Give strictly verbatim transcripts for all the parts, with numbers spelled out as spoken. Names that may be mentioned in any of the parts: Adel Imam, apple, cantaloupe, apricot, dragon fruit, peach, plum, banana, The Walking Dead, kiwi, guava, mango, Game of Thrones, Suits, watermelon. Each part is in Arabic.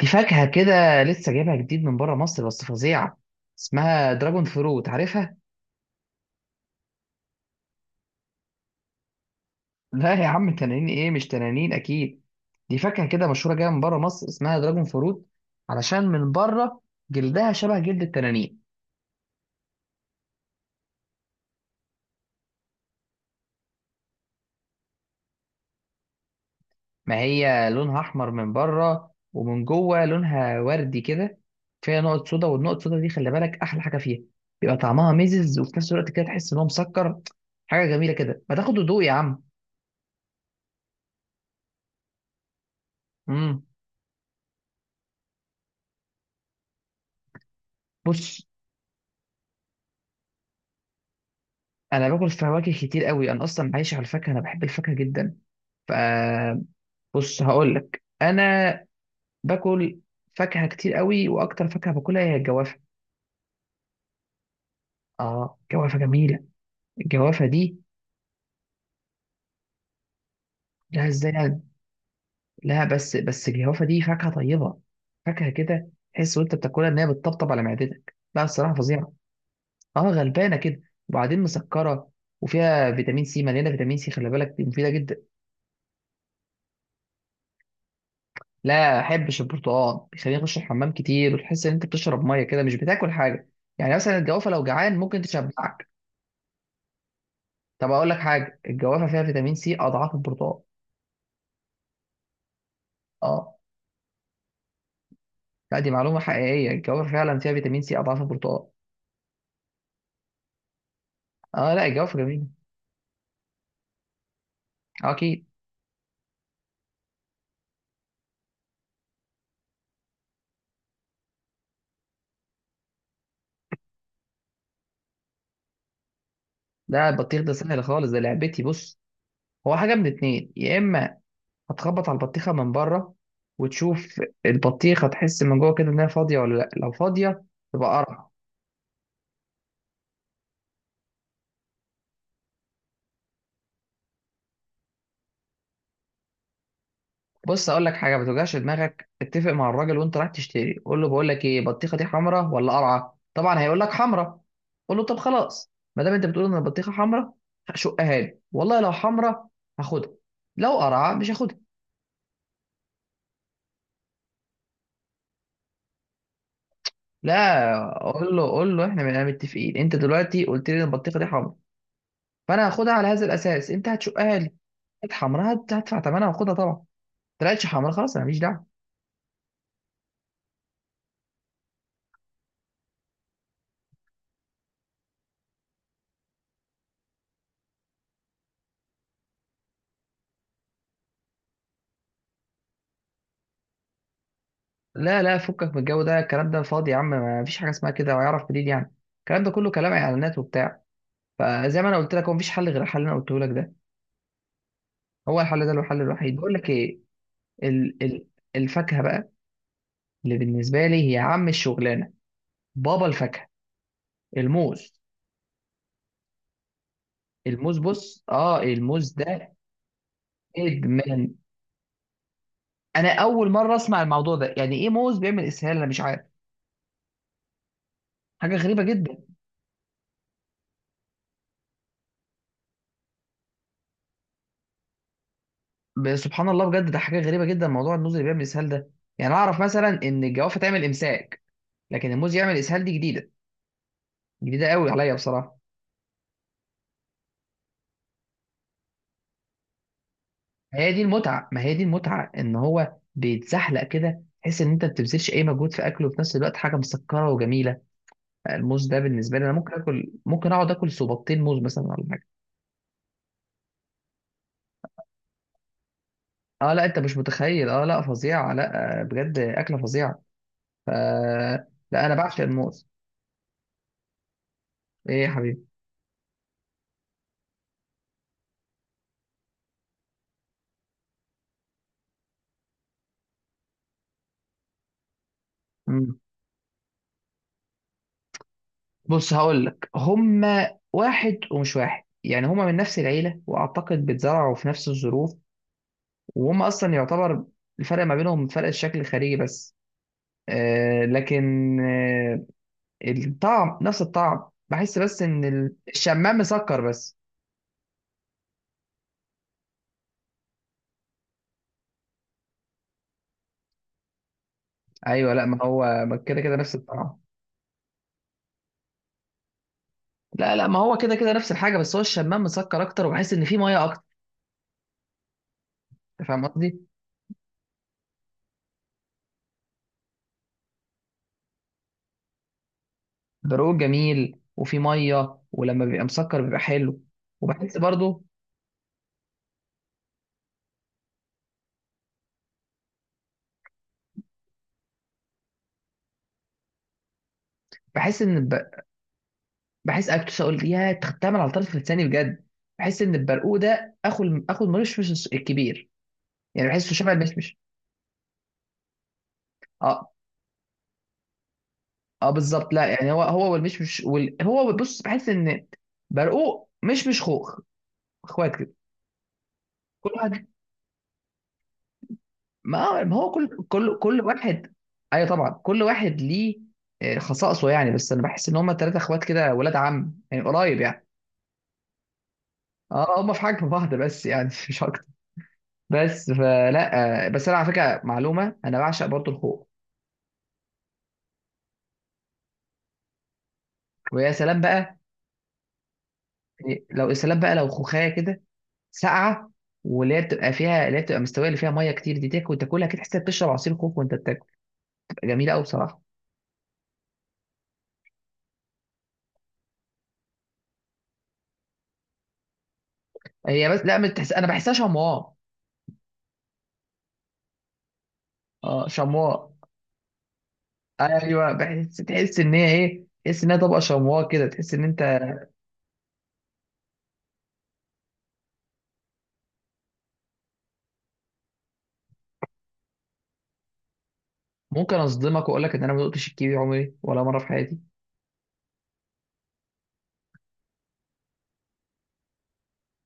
في فاكهة كده لسه جايبها جديد من بره مصر بس فظيعة. اسمها دراجون فروت، عارفها؟ لا يا عم، تنانين ايه؟ مش تنانين اكيد. دي فاكهة كده مشهورة جاية من بره مصر، اسمها دراجون فروت. علشان من بره جلدها شبه جلد التنانين. ما هي لونها احمر من بره ومن جوه لونها وردي كده. فيها نقط سودا، والنقط السودا دي خلي بالك احلى حاجة فيها. بيبقى طعمها ميزز وفي نفس الوقت كده تحس ان هو مسكر. حاجة جميلة كده، ما تاخد هدوء يا عم. امم بص، انا باكل فواكه كتير قوي، انا اصلا عايش على الفاكهه، انا بحب الفاكهه جدا. فبص، هقول لك انا باكل فاكهه كتير قوي، واكتر فاكهه باكلها هي الجوافه. اه الجوافه جميله. الجوافه دي، لا ازاي يعني؟ لا، بس بس الجوافه دي فاكهه طيبه. فاكهه كده تحس وانت بتاكلها ان هي بتطبطب على معدتك، لا الصراحه فظيعه. اه غلبانه كده. وبعدين مسكره، وفيها فيتامين سي، مليانه فيتامين سي، خلي بالك دي مفيده جدا. لا احبش البرتقال، بيخليني اخش الحمام كتير، وتحس ان انت بتشرب ميه كده مش بتاكل حاجه. يعني مثلا الجوافه لو جعان ممكن تشبعك. طب اقول لك حاجه، الجوافه فيها فيتامين سي اضعاف البرتقال. اه، لا دي معلومه حقيقيه، الجوافه فعلا فيها فيتامين سي اضعاف البرتقال. اه لا الجوافه جميله. آه، اكيد. لا البطيخ ده سهل خالص، ده لعبتي. بص، هو حاجه من اتنين، يا اما هتخبط على البطيخه من بره وتشوف البطيخه، تحس من جوه كده انها فاضيه ولا لا. لو فاضيه تبقى قرع. بص اقول لك حاجه، ما توجعش دماغك، اتفق مع الراجل وانت رايح تشتري، قول له بقول لك ايه، بطيخه دي حمراء ولا قرعه؟ طبعا هيقول لك حمراء. قول له طب خلاص، ما دام انت بتقول ان البطيخه حمراء، شقها لي، والله لو حمراء هاخدها، لو قرعه مش هاخدها. لا قول له، قول له احنا بقينا متفقين، انت دلوقتي قلت لي ان البطيخه دي حمراء، فانا هاخدها على هذا الاساس، انت هتشقها لي. كانت حمراء، هت- هدفع ثمنها واخدها طبعا. طلعتش حمراء خلاص، انا ماليش دعوه. لا لا فكك من الجو ده، الكلام ده فاضي يا عم، ما فيش حاجه اسمها كده، ويعرف منين يعني؟ الكلام ده كله كلام اعلانات وبتاع. فزي ما انا قلت لك، هو مفيش حل غير الحل اللي انا قلته لك ده. هو الحل ده الحل الوحيد. بقول لك ايه، ال ال الفاكهه بقى اللي بالنسبه لي هي عم الشغلانه، بابا الفاكهه، الموز. الموز، بص، اه الموز ده ادمان. انا اول مره اسمع الموضوع ده، يعني ايه موز بيعمل اسهال؟ انا مش عارف، حاجه غريبه جدا. ب- سبحان الله، بجد ده حاجه غريبه جدا، موضوع الموز اللي بيعمل اسهال ده. يعني اعرف مثلا ان الجوافه تعمل امساك، لكن الموز يعمل اسهال دي جديده، جديده قوي عليا بصراحه. ما هي دي المتعه ما هي دي المتعه ان هو بيتزحلق كده، تحس ان انت ما بتبذلش اي مجهود في اكله، وفي نفس الوقت حاجه مسكره وجميله. آه، الموز ده بالنسبه لي انا ممكن اكل، ممكن اقعد اكل صوباطين موز مثلا ولا حاجه. اه لا انت مش متخيل، اه لا فظيعه، لا آه، بجد اكله فظيعه. ف لا انا بعشق الموز. ايه يا حبيبي؟ مم. بص هقول لك، هما واحد ومش واحد، يعني هما من نفس العيله واعتقد بيتزرعوا في نفس الظروف. وهم اصلا يعتبر الفرق ما بينهم فرق الشكل الخارجي بس. آه لكن آه الطعم نفس الطعم، بحس بس ان ال- الشمام مسكر بس. ايوه لا ما هو ما كده كده نفس الطعم. لا لا ما هو كده كده نفس الحاجه، بس هو الشمام مسكر اكتر، وبحس ان فيه ميه اكتر. أنت فاهم قصدي؟ برقوق جميل وفيه ميه، ولما بيبقى مسكر بيبقى حلو. وبحس برضو، بحس ان ب... بحس اكتر اقول يا تختمل على طرف لساني بجد. بحس ان البرقوق ده اخو الم- اخو الملوش مش الكبير، يعني بحسه شبه المشمش. اه اه بالظبط، لا يعني هو هو والمشمش وال... هو بص بحس ان برقوق مش مش خوخ. اخوات كده، كل واحد. ما ما هو كل كل كل واحد. ايوه طبعا كل واحد ليه آه، خصائصه يعني، بس انا بحس ان هم ثلاثه اخوات كده ولاد عم يعني، قريب يعني. اه هم في حجم بعض، بس يعني مش اكتر. بس فلا آه، بس انا على فكره معلومه، انا بعشق برضو الخوخ. ويا سلام بقى. يعني لو يا سلام بقى لو خوخايه كده ساقعه، واللي هي بتبقى فيها، اللي هي بتبقى مستويه اللي فيها ميه كتير دي، تاكل تاكلها كده تحس إنك بتشرب عصير كوك وانت بتاكل. بتبقى جميله قوي بصراحه. هي بس لا بتحس انا بحسها شمواء. اه شمواء. ايوه بحس، تحس ان هي ايه، تحس ان هي طبقه شمواء كده، تحس ان انت. ممكن اصدمك واقول لك ان انا ما دقتش الكيوي عمري ولا مره في حياتي.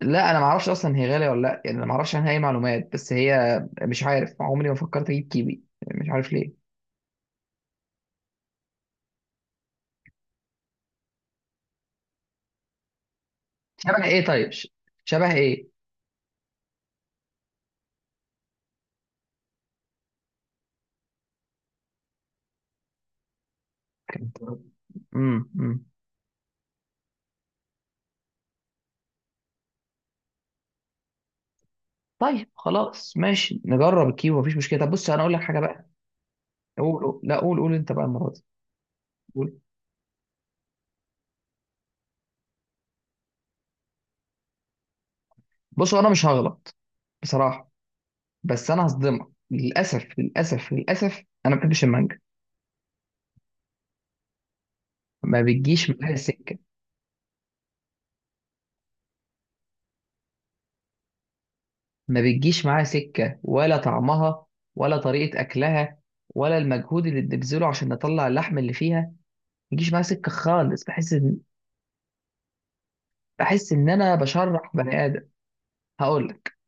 لا انا ما اعرفش اصلا هي غاليه ولا لا، يعني انا ما اعرفش عنها اي معلومات، بس هي مش عارف عمري ما فكرت اجيب كيوي، مش عارف ليه. شبه ايه طيب ش- شبه ايه؟ امم طيب خلاص ماشي، نجرب الكيبو مفيش مشكله. طب بص انا اقول لك حاجه بقى. قول قول لا قول قول انت بقى المره دي. قول. بص انا مش هغلط بصراحه. بس انا هصدمك، للاسف للاسف للاسف، انا ما بحبش المانجا، ما بتجيش معايا سكه. ما بتجيش معايا سكه ولا طعمها، ولا طريقه اكلها، ولا المجهود اللي بنبذله عشان نطلع اللحم اللي فيها. ما بيجيش معايا سكه خالص. بحس ان بحس ان انا بشرح بني ادم. هقول لك.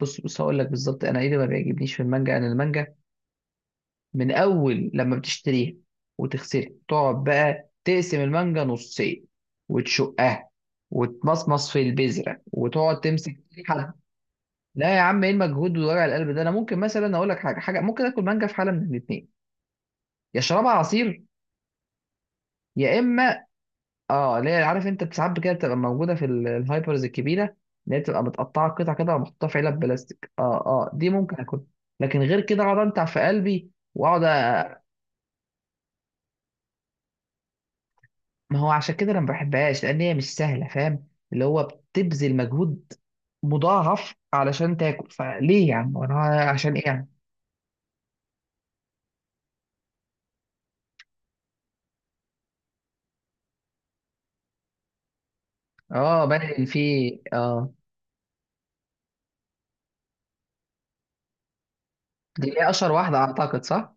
بص بص هقول لك بالظبط انا ايه اللي ما بيعجبنيش في المانجا. انا المانجا من اول لما بتشتريها وتغسلها، تقعد بقى تقسم المانجا نصين، وتشقها، وتمصمص في البذره، وتقعد تمسك في حد. لا يا عم، ايه المجهود ووجع القلب ده؟ انا ممكن مثلا اقول لك حاجه حاجه ممكن اكل مانجا في حاله من الاثنين، يا شربها عصير، يا اما اه اللي هي عارف انت ساعات كده بتبقى موجوده في ال- الهايبرز الكبيره، اللي هي بتبقى متقطعه قطع كده ومحطوطه في علب بلاستيك، اه اه دي ممكن اكل. لكن غير كده اقعد انتع في قلبي واقعد. ما هو عشان كده انا ما بحبهاش، لان هي مش سهله فاهم، اللي هو بتبذل مجهود مضاعف علشان تاكل، فليه يا عم وانا عشان ايه يعني؟ اه بني في. اه دي اللي هي اشهر واحده اعتقد صح؟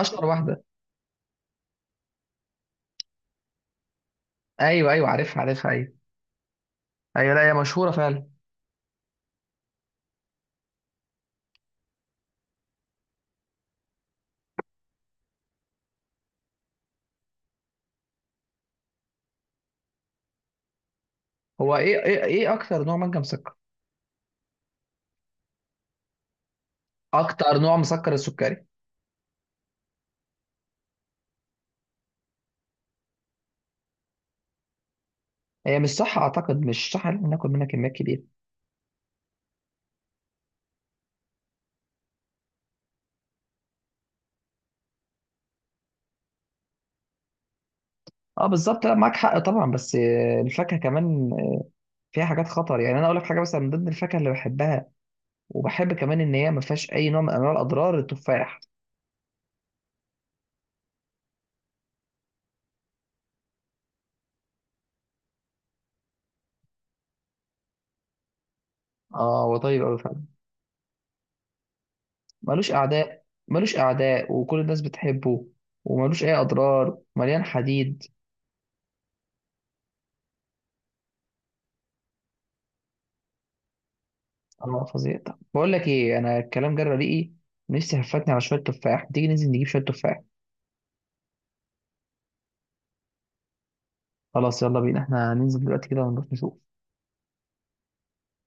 اشهر واحده. ايوه ايوه، عارفها عارفها، ايوه. ايوه لا هي مشهوره فعلا. هو ايه ايه ايه اكتر نوع منجم مسكر؟ اكتر نوع مسكر السكري. هي مش صح اعتقد، مش صح ان إحنا ناكل منها كميات كبيره. اه بالظبط، لا معاك حق طبعا. بس آه، الفاكهه كمان فيها حاجات خطر يعني. انا اقول لك حاجه، مثلا من ضمن الفاكهه اللي بحبها، وبحب كمان ان هي ما فيهاش اي نوع من انواع الاضرار، التفاح. اه هو طيب قوي فعلا. ملوش اعداء، ملوش اعداء وكل الناس بتحبه، وملوش اي اضرار، مليان حديد. اه فظيع. طب بقول لك ايه، انا الكلام جرى ريقي، نفسي هفتني على شويه تفاح، تيجي ننزل نجيب شويه تفاح؟ خلاص يلا بينا، احنا هننزل دلوقتي كده ونروح نشوف.